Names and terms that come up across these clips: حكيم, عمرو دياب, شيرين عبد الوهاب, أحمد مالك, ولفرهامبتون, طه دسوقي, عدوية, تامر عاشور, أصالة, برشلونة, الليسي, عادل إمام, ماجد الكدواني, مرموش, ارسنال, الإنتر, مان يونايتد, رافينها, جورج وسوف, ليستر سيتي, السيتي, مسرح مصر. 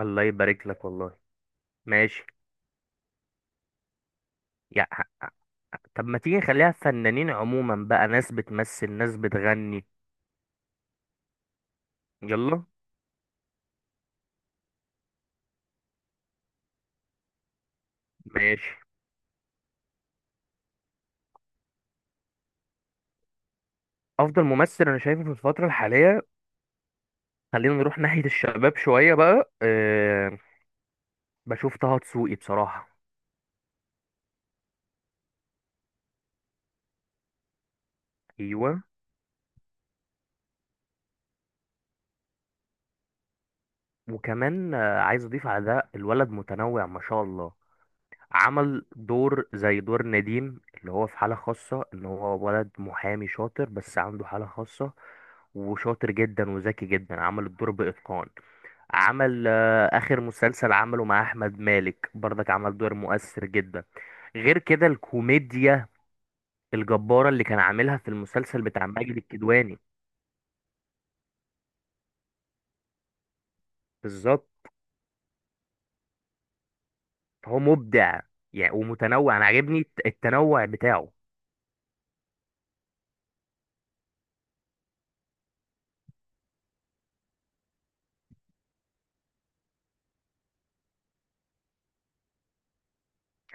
الله يبارك لك والله. ماشي. يا طب ما تيجي نخليها فنانين عموما بقى، ناس بتمثل ناس بتغني. يلا. ماشي. افضل ممثل انا شايفه في الفترة الحالية، خلينا نروح ناحية الشباب شوية بقى. أه، بشوف طه دسوقي بصراحة. ايوه، وكمان عايز اضيف على ده، الولد متنوع ما شاء الله. عمل دور زي دور نديم، اللي هو في حالة خاصة ان هو ولد محامي شاطر بس عنده حالة خاصة، وشاطر جدا وذكي جدا، عمل الدور بإتقان. عمل آخر مسلسل عمله مع أحمد مالك برضك، عمل دور مؤثر جدا. غير كده الكوميديا الجبارة اللي كان عاملها في المسلسل بتاع ماجد الكدواني. بالظبط. هو مبدع يعني، ومتنوع. أنا عاجبني التنوع بتاعه.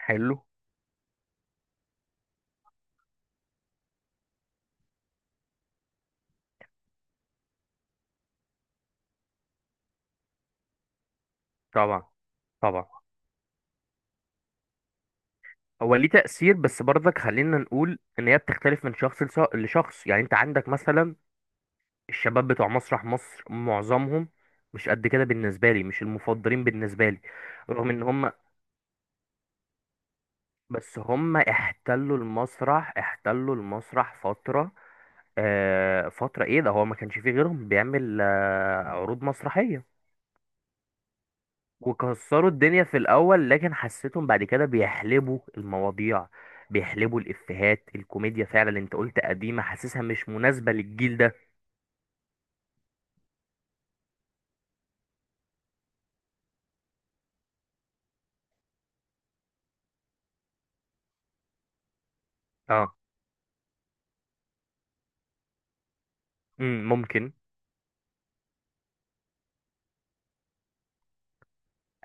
حلو. طبعا طبعا. هو ليه تأثير، بس برضك خلينا نقول ان هي بتختلف من شخص لشخص. يعني انت عندك مثلا الشباب بتوع مسرح مصر، معظمهم مش قد كده بالنسبة لي، مش المفضلين بالنسبة لي. رغم ان هم، بس هم احتلوا المسرح، احتلوا المسرح فترة. آه فترة، ايه ده، هو ما كانش فيه غيرهم بيعمل عروض مسرحية، وكسروا الدنيا في الاول، لكن حسيتهم بعد كده بيحلبوا المواضيع، بيحلبوا الافيهات الكوميديا. فعلا انت قلت قديمه، حاسسها مش مناسبه للجيل ده. اه، ممكن.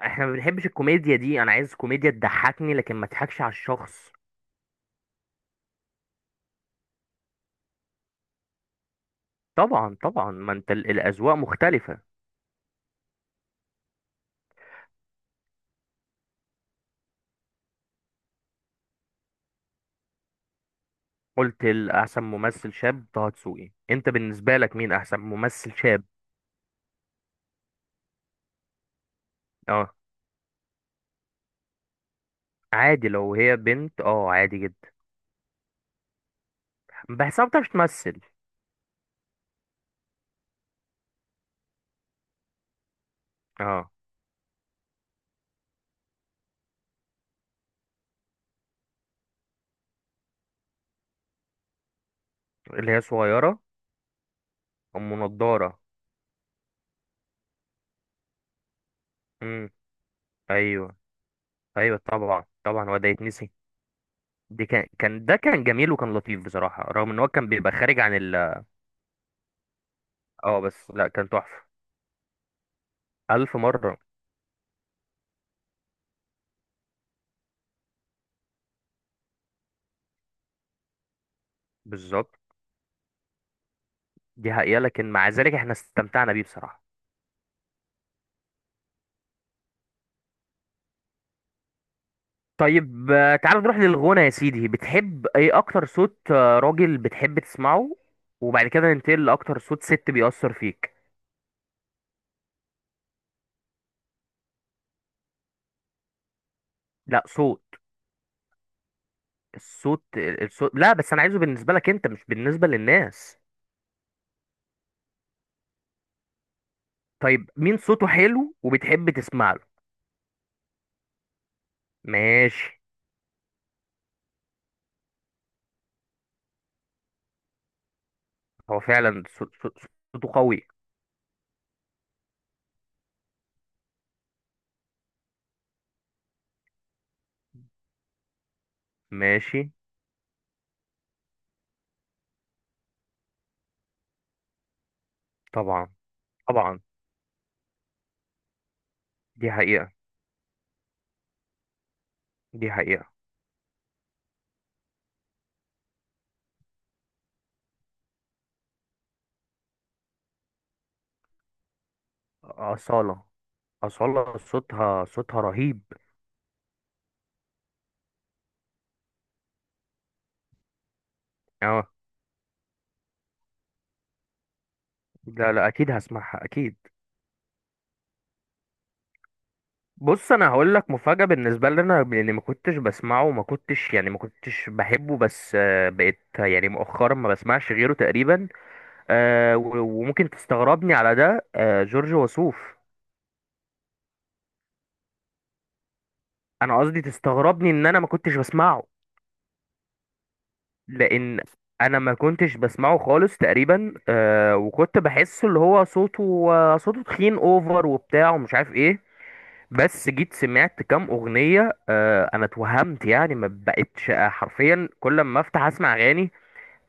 احنا ما بنحبش الكوميديا دي، انا عايز كوميديا تضحكني لكن ما تضحكش على الشخص. طبعا طبعا، ما انت الاذواق مختلفه. قلت الاحسن ممثل شاب طه دسوقي، انت بالنسبه لك مين احسن ممثل شاب؟ اه. عادي، لو هي بنت اه عادي جدا. بحسها ما بتعرفش تمثل. اه. اللي هي صغيره. ام نضاره. امم. ايوه ايوه. طبعا طبعا، هو ده يتنسي. دي كان ده كان جميل وكان لطيف بصراحه، رغم ان هو كان بيبقى خارج عن اه، بس لا كان تحفه. الف مره. بالظبط. دي حقيقه، لكن مع ذلك احنا استمتعنا بيه بصراحه. طيب تعال نروح للغنى يا سيدي. بتحب ايه اكتر صوت راجل بتحب تسمعه؟ وبعد كده ننتقل لاكتر صوت ست بيأثر فيك. لا صوت، الصوت الصوت، لا بس انا عايزه بالنسبه لك انت، مش بالنسبه للناس. طيب مين صوته حلو وبتحب تسمع له؟ ماشي. هو فعلا صوته قوي. ماشي. طبعا طبعا. دي حقيقة. دي حقيقة. أصالة. أصالة صوتها، صوتها رهيب. اه. لا لا، أكيد هسمعها أكيد. بص أنا هقول لك مفاجأة بالنسبة لي، أنا لأني ما كنتش بسمعه وما كنتش يعني ما كنتش بحبه، بس بقيت يعني مؤخرا ما بسمعش غيره تقريبا. وممكن تستغربني على ده، جورج وسوف. انا قصدي تستغربني ان انا ما كنتش بسمعه، لان انا ما كنتش بسمعه خالص تقريبا. وكنت بحسه اللي هو صوته صوته تخين اوفر وبتاع ومش عارف ايه. بس جيت سمعت كام اغنية، انا اتوهمت يعني، ما بقتش حرفيا كل ما افتح اسمع اغاني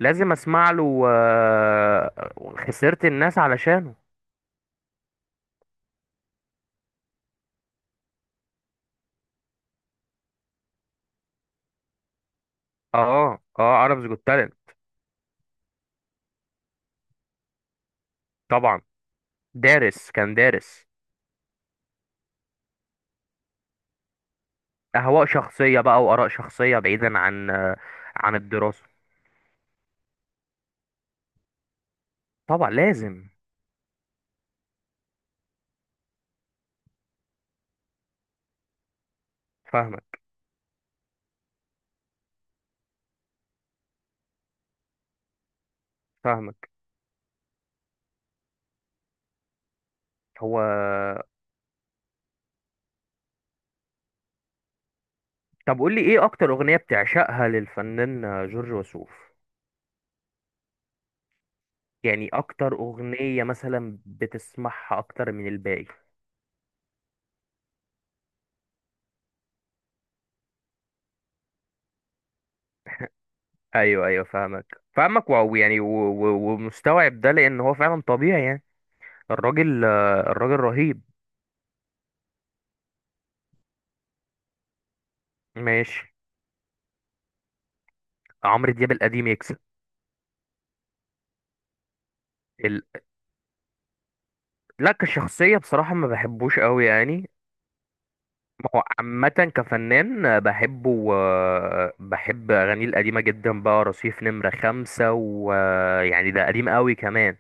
لازم اسمع له. خسرت الناس علشانه. اه اه، عربز جوت تالنت. طبعا، دارس كان دارس. اهواء شخصية بقى واراء شخصية، بعيدا عن عن الدراسة. طبعا لازم. فاهمك فاهمك. هو. طب قول لي، ايه اكتر اغنية بتعشقها للفنان جورج وسوف؟ يعني اكتر اغنية مثلا بتسمعها اكتر من الباقي. ايوه ايوه فاهمك فاهمك. واو يعني، ومستوعب ده لان هو فعلا طبيعي يعني. الراجل، الراجل رهيب. ماشي. عمرو دياب القديم يكسب. ال... لا كشخصية بصراحة ما بحبوش قوي يعني. ما هو عامة، كفنان بحبه. بحب أغانيه القديمة جدا بقى. رصيف نمرة 5، ويعني ده قديم قوي كمان.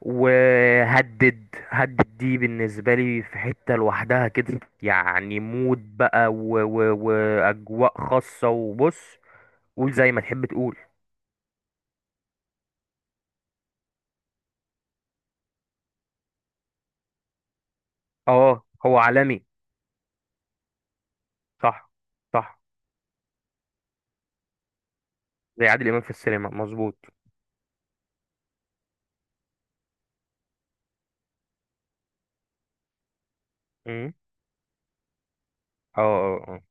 وهدد هدد دي بالنسبة لي في حتة لوحدها كده يعني، مود بقى وأجواء خاصة. وبص قول زي ما تحب تقول. اه هو عالمي. صح صح. زي عادل إمام في السينما، مظبوط. مم. اه اه.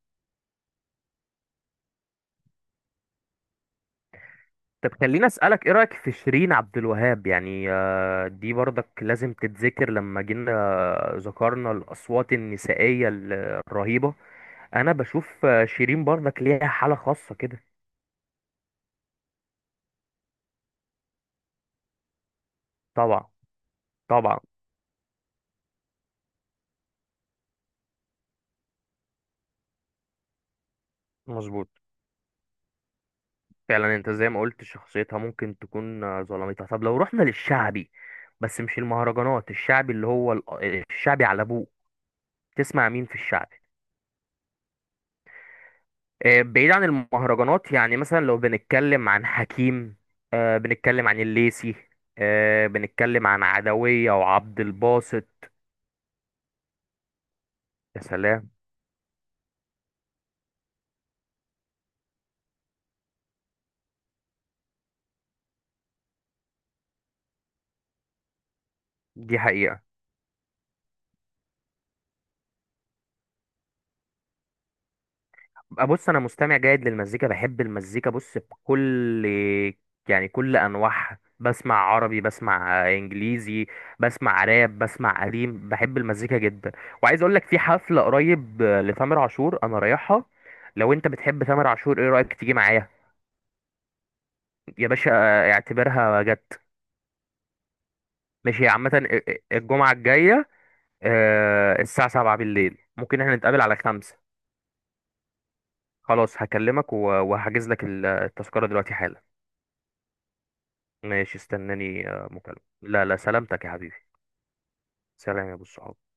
طب خليني اسالك، ايه رايك في شيرين عبد الوهاب؟ يعني دي برضك لازم تتذكر لما جينا ذكرنا الاصوات النسائيه الرهيبه. انا بشوف شيرين برضك ليها حاله خاصه كده. طبعا طبعا. مظبوط. فعلا انت زي ما قلت شخصيتها ممكن تكون ظلمتها. طب لو رحنا للشعبي، بس مش المهرجانات، الشعبي اللي هو الشعبي على ابوه. تسمع مين في الشعبي؟ بعيد عن المهرجانات يعني، مثلا لو بنتكلم عن حكيم، بنتكلم عن الليسي، بنتكلم عن عدوية وعبد الباسط. يا سلام. دي حقيقة. بقى بص أنا مستمع جيد للمزيكا، بحب المزيكا، بص بكل يعني كل أنواعها. بسمع عربي، بسمع إنجليزي، بسمع راب، بسمع قديم، بحب المزيكا جدا. وعايز أقول لك في حفلة قريب لتامر عاشور أنا رايحها. لو أنت بتحب تامر عاشور، إيه رأيك تيجي معايا؟ يا باشا اعتبرها جت. ماشي، عامة الجمعة الجاية، الساعة 7 بالليل. ممكن احنا نتقابل على 5. خلاص هكلمك وهحجز لك التذكرة دلوقتي حالا. ماشي، استناني مكالمة. لا لا، سلامتك يا حبيبي. سلام يا ابو الصحاب.